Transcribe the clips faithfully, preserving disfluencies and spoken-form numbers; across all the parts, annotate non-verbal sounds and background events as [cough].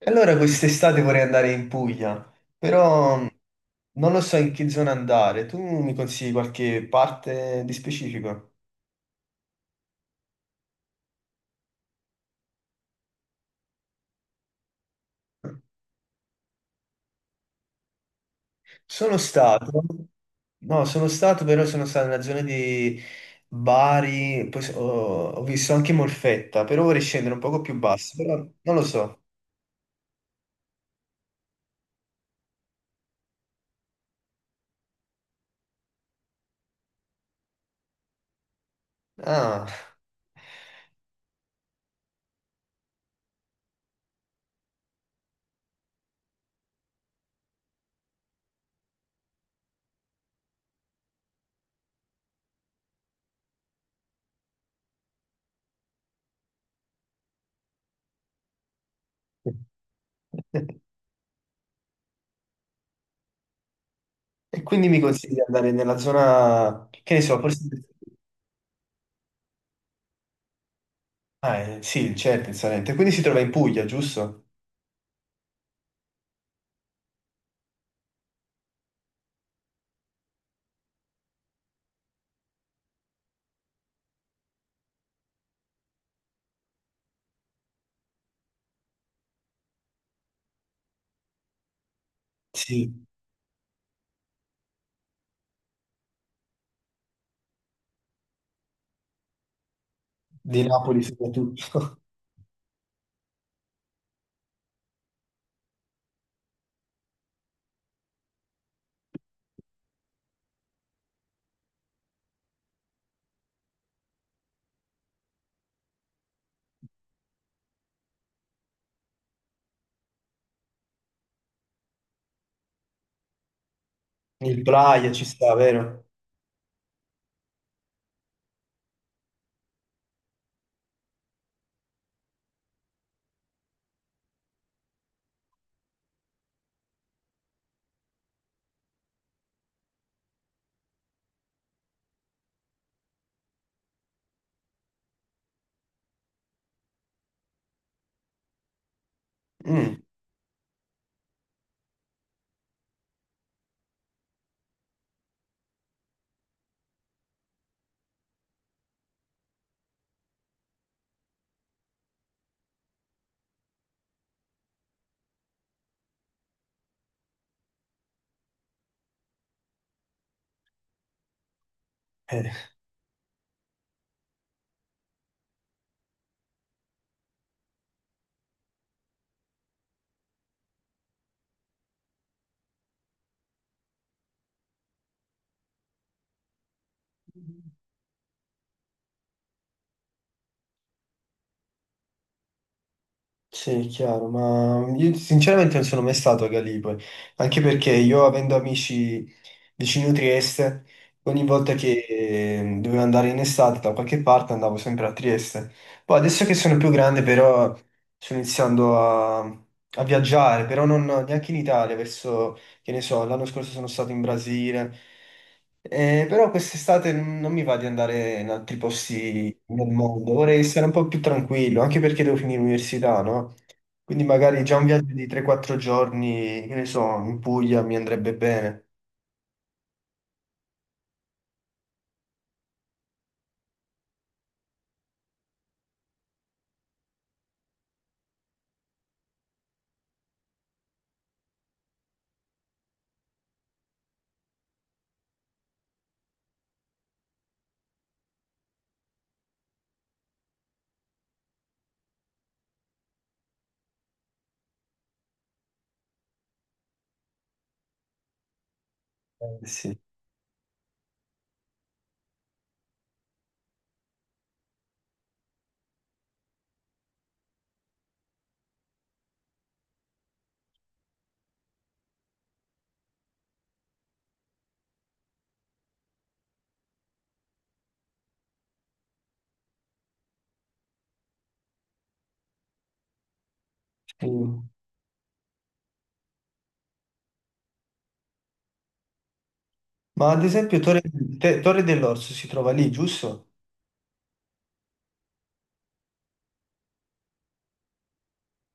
E Allora quest'estate vorrei andare in Puglia, però non lo so in che zona andare. Tu mi consigli qualche parte di specifico? Sono stato, no, sono stato, però sono stato nella zona di Bari, poi so- ho, ho visto anche Molfetta, però vorrei scendere un poco più basso, però non lo so. Ah. [laughs] E quindi mi consigli di andare nella zona, che ne so, forse... Ah, eh, sì, certo, in Salento. Quindi si trova in Puglia, giusto? Sì, di Napoli soprattutto. [laughs] Il Praia ci sta, vero? Mm. Eh, sì, è chiaro, ma io sinceramente non sono mai stato a Gallipoli, anche perché io avendo amici vicino Trieste, ogni volta che eh, dovevo andare in estate da qualche parte andavo sempre a Trieste. Poi adesso che sono più grande però sto iniziando a, a viaggiare, però non neanche in Italia, verso che ne so, l'anno scorso sono stato in Brasile. Eh, però quest'estate non mi va di andare in altri posti nel mondo, vorrei stare un po' più tranquillo, anche perché devo finire l'università, no? Quindi magari già un viaggio di tre quattro giorni, che ne so, in Puglia mi andrebbe bene. Eh, sì. Mm. Ma ad esempio Torre, te- Torre dell'Orso si trova lì, giusto?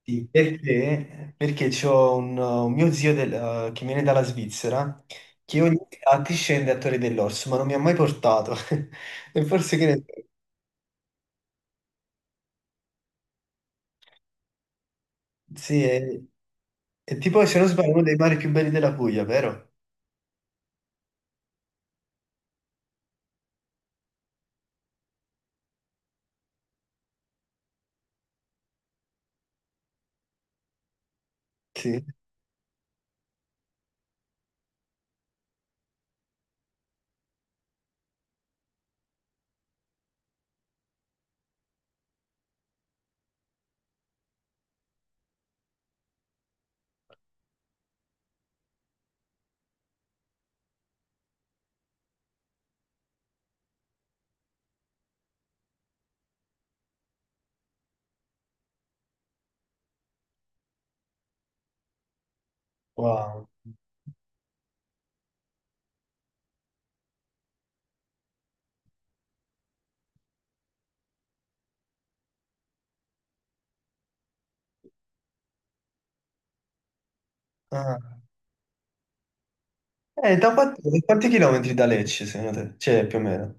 Sì. Perché, perché c'ho un, un mio zio del- eh, che viene dalla Svizzera che ogni tanto scende a Torre dell'Orso, ma non mi ha mai portato. [laughs] E forse che ne... so. Sì, è, è tipo, se non sbaglio, uno dei mari più belli della Puglia, vero? Sì. Wow. Ah. Eh, da quanti, da quanti chilometri da Lecce, secondo te? Cioè, più o meno.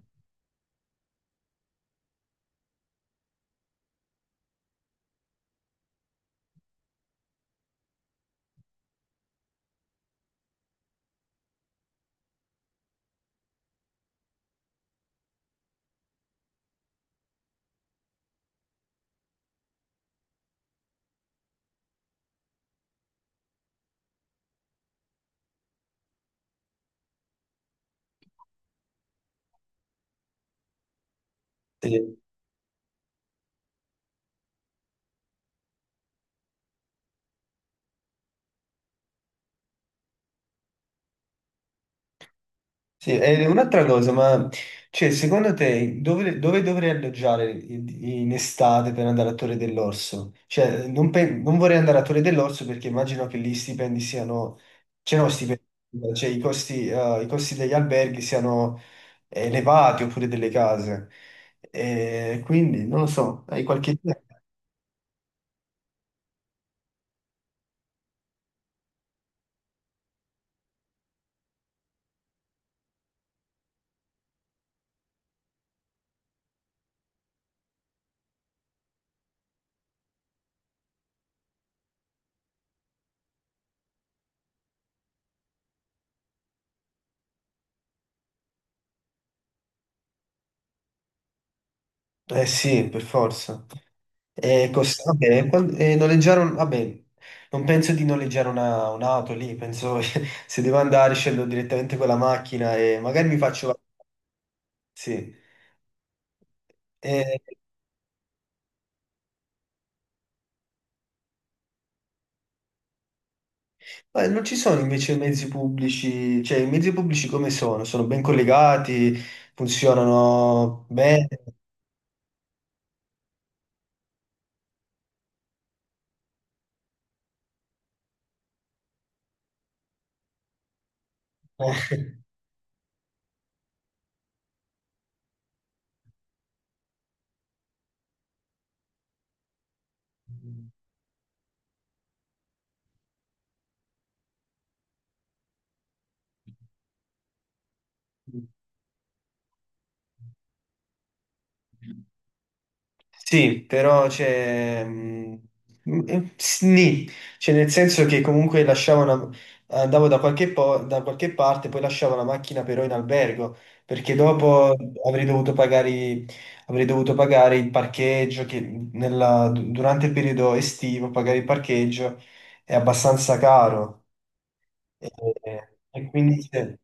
Sì. Sì, e un'altra cosa, ma cioè, secondo te dove, dove dovrei alloggiare in, in estate per andare a Torre dell'Orso? Cioè, non, pe- non vorrei andare a Torre dell'Orso perché immagino che lì i stipendi siano, cioè, no, stipendi, cioè i costi, eh, i costi degli alberghi siano elevati oppure delle case. E quindi, non lo so, hai qualche idea? Eh sì, per forza. E costa, vabbè, quan- e noleggiare un- vabbè, non penso di noleggiare una- un'auto lì, penso [laughs] se devo andare scendo direttamente con la macchina e magari mi faccio... Sì. E- ma non ci sono invece mezzi pubblici, cioè i mezzi pubblici come sono? Sono ben collegati, funzionano bene? [laughs] Sì, però c'è... mm, mm, eh, Sni, cioè nel senso che comunque lasciavo una- andavo da qualche, po- da qualche parte, poi lasciavo la macchina però in albergo, perché dopo avrei dovuto pagare, i- avrei dovuto pagare il parcheggio, che nella- durante il periodo estivo pagare il parcheggio è abbastanza caro. E, e quindi se-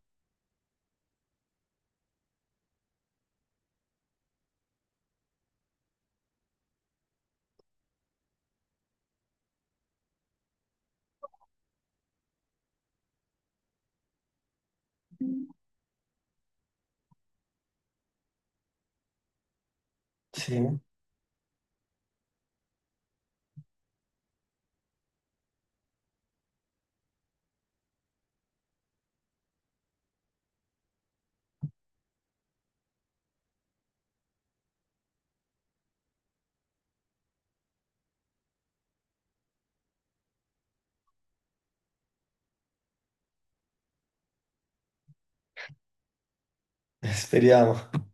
sì, [laughs] speriamo.